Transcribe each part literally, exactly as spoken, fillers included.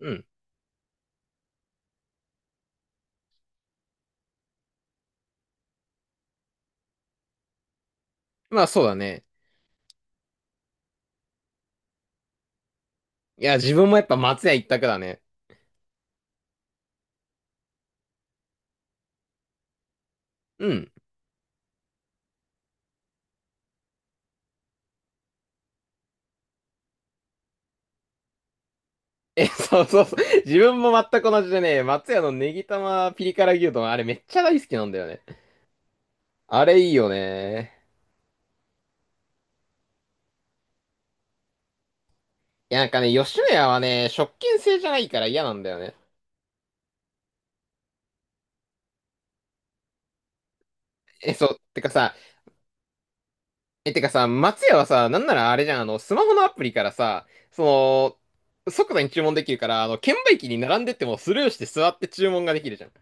うん。まあそうだね。いや、自分もやっぱ松屋一択だね。うん。え、そうそうそう。自分も全く同じでね、松屋のネギ玉ピリ辛牛丼、あれめっちゃ大好きなんだよね。あれいいよね。いや、なんかね、吉野家はね、食券制じゃないから嫌なんだよね。え、そう。てかさ、え、てかさ、松屋はさ、なんならあれじゃん、あの、スマホのアプリからさ、その、即座に注文できるから、あの、券売機に並んでってもスルーして座って注文ができるじゃん。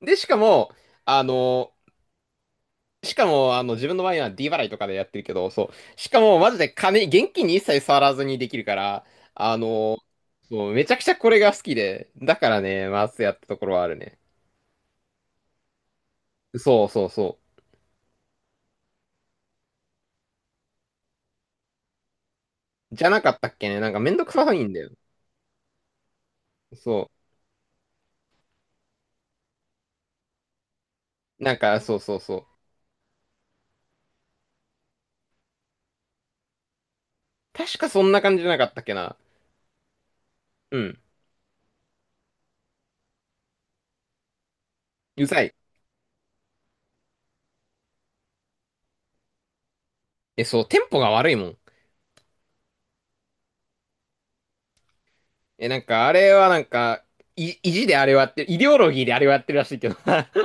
で、しかも、あのしかも、あの、自分の場合は D 払いとかでやってるけど、そう。しかも、マジで金、現金に一切触らずにできるから、あの、そう、めちゃくちゃこれが好きで、だからね、マスやったところはあるね。そうそうそう。じゃなかったっけね。なんかめんどくさいんだよ。そう。なんか、そうそうそう。確かそんな感じじゃなかったっけな。うん。うざい。え、そう、テンポが悪いもん。え、なんか、あれはなんか、い、意地であれをやってる、イデオロギーであれをやってるらしいけど。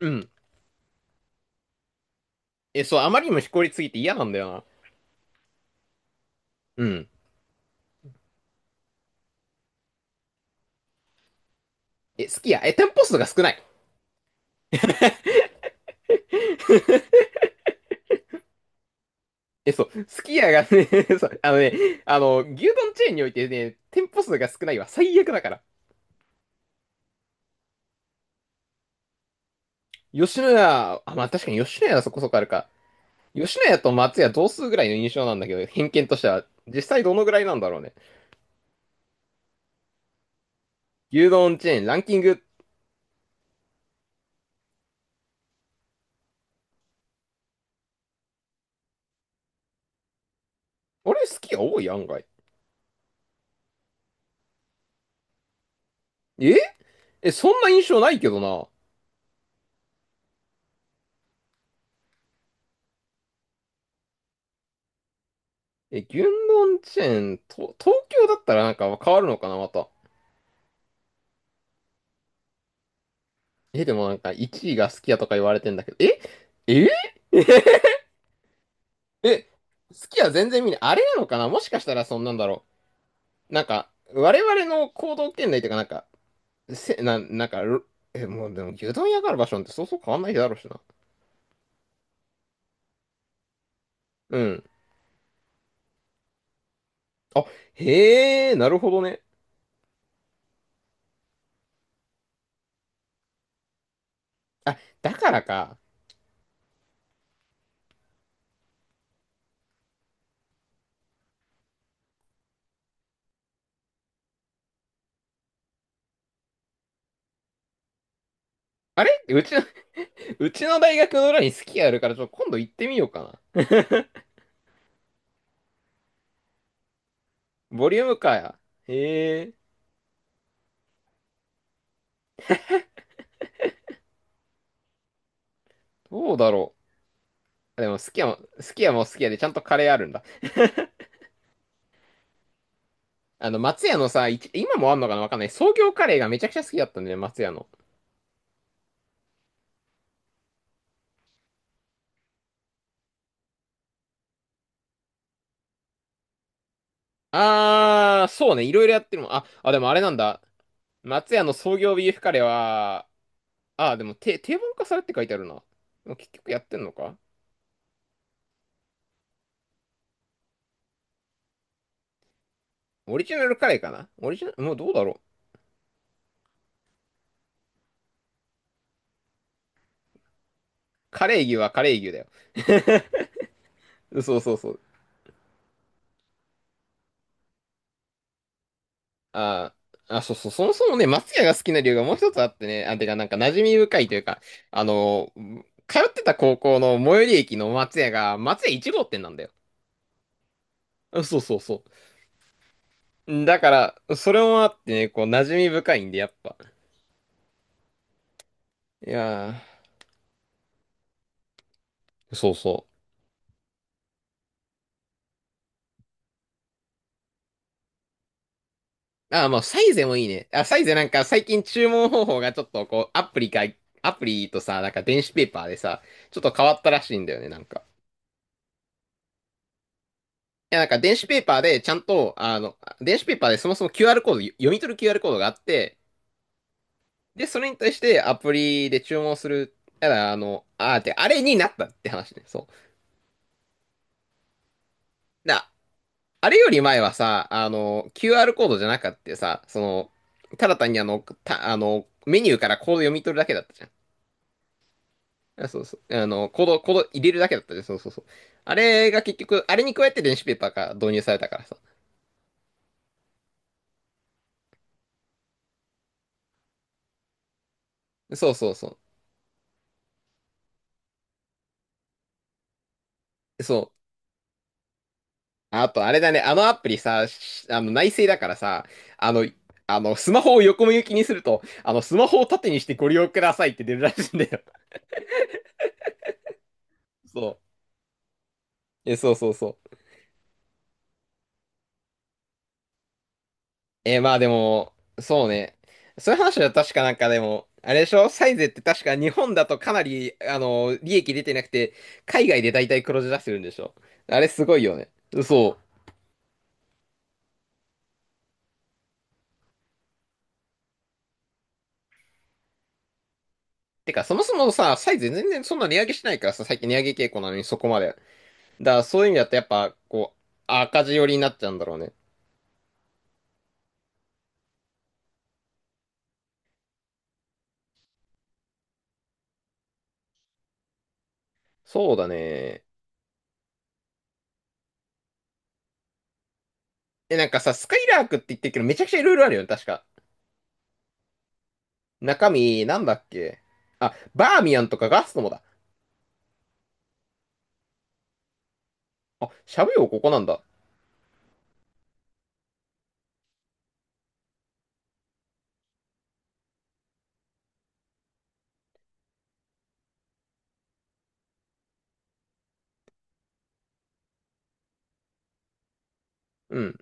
うん。え、そう、あまりにもしこりすぎて嫌なんだよな。うん。え、すき家、え、店舗数が少ない。え、そう、すき家がね そう、あのね、あの、牛丼チェーンにおいてね、店舗数が少ないは最悪だから。吉野家、あ、まあ確かに吉野家はそこそこあるか。吉野家と松屋同数ぐらいの印象なんだけど、偏見としては、実際どのぐらいなんだろうね。牛丼チェーン、ランキング。あれ、スき家多い案外。ええ、そんな印象ないけどな。え、牛丼チェーン、と、東京だったらなんか変わるのかな、また。え、でもなんかいちいがスきヤとか言われてんだけど、えええええ、好きは全然見ない。あれなのかなもしかしたらそんなんだろう。なんか、我々の行動圏内というか、なんか、せ、な、なんか、ろえ、もうでも牛丼屋がある場所なんてそうそう変わんないだろうしな。うん。あ、へえ、なるほどね。あ、だからか。あれうちの、うちの大学の裏に好きあるから、ちょっと今度行ってみようかな。ボリュームかや。へえ、どうだろう。でも、すき家も、すき家もすき家でちゃんとカレーあるんだ。あの、松屋のさ、いち今もあんのかなわかんない。創業カレーがめちゃくちゃ好きだったんだよね、松屋の。あー、そうね。いろいろやってるもん。あ、あ、でもあれなんだ。松屋の創業ビーフカレーは、あー、でも定定番化されって書いてあるな。でも結局やってんのかオリジナルカレーかなオリジナル、もうどうだろう。カレー牛はカレー牛だよ。そうそうそう。あー、あ、そうそう。そもそもね、松屋が好きな理由がもう一つあってね。あ、てか、なんか馴染み深いというか、あの、通ってた高校の最寄り駅の松屋が、松屋いち号店なんだよ。あそうそうそう。だから、それもあってね、こう、馴染み深いんで、やっぱ。いやー、そうそう。あー、まあ、サイゼもいいね。あ、サイゼなんか最近注文方法がちょっとこう、アプリか、アプリとさ、なんか電子ペーパーでさ、ちょっと変わったらしいんだよね、なんか。いや、なんか電子ペーパーでちゃんと、あの、電子ペーパーでそもそも キューアール コード、読み取る キューアール コードがあって、で、それに対してアプリで注文する。ただ、あの、あーって、あれになったって話ね、そう。だ、あれより前はさ、あの、キューアール コードじゃなかったさ、その、ただ単にあの、た、あの、メニューからコード読み取るだけだったじゃん。あ、そうそう。あの、コード、コード入れるだけだったね。そうそうそう。あれが結局、あれに加えて電子ペーパーが導入されたからさ。そうそうそう。そう。あと、あれだね。あのアプリさ、しあの、内製だからさ、あの、あの、スマホを横向きにすると、あの、スマホを縦にしてご利用くださいって出るらしいんだよ。そう。え、そうそうそう。えー、まあでも、そうね。そういう話は確かなんかでも、あれでしょサイゼって確か日本だとかなり、あの、利益出てなくて、海外で大体黒字出してるんでしょあれすごいよね。そう。てか、そもそもさ、サイゼ全然そんな値上げしないからさ、最近値上げ傾向なのにそこまで。だからそういう意味だとやっぱ、こう、赤字寄りになっちゃうんだろうね。そうだね。え、なんかさ、スカイラークって言ってるけど、めちゃくちゃいろいろあるよね、確か。中身、なんだっけあ、バーミヤンとかガストもだ。あ、しゃぶよ、ここなんだ。うん。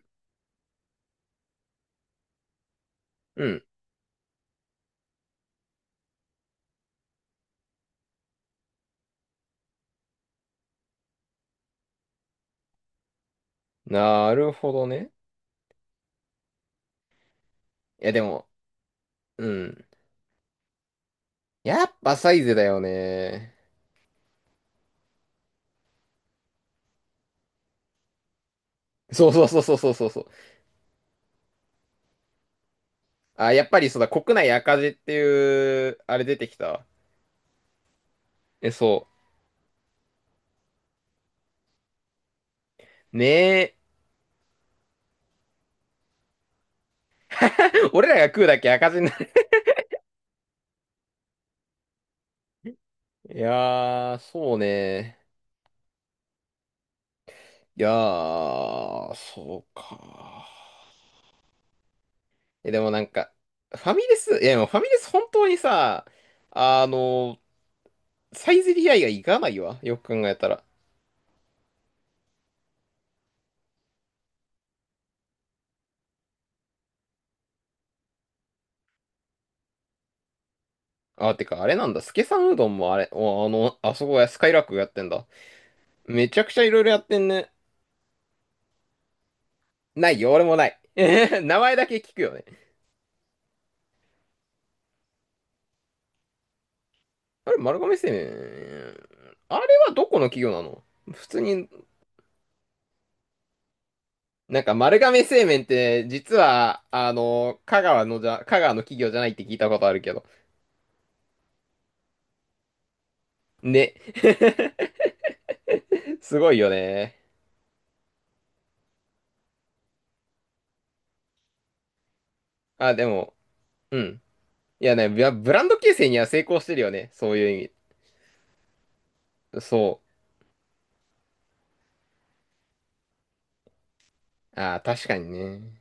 うん。なるほどね。いや、でも、うん。やっぱサイズだよね。そうそうそうそうそうそうそう。あ、やっぱりそうだ、国内赤字っていう、あれ出てきたわ。え、そう。ねえ。俺らが食うだけ赤字になる。いやー、そうね。いやー、そうか。え、でもなんか、ファミレス、いや、でもファミレス本当にさ、あの、サイゼリヤ以外行かないわ。よく考えたら。あ、てか、あれなんだ。スケさんうどんもあれ、おあの、あそこや、スカイラークやってんだ。めちゃくちゃいろいろやってんね。ないよ、俺もない。えへへ名前だけ聞くよね。あれ、丸亀製麺。あれはどこの企業なの普通に、なんか丸亀製麺って、実は、あの、香川のじゃ、香川の企業じゃないって聞いたことあるけど。ね。すごいよね。あ、でも、うん。いやね、ブラブランド形成には成功してるよね。そういう意味。そう。あー、確かにね。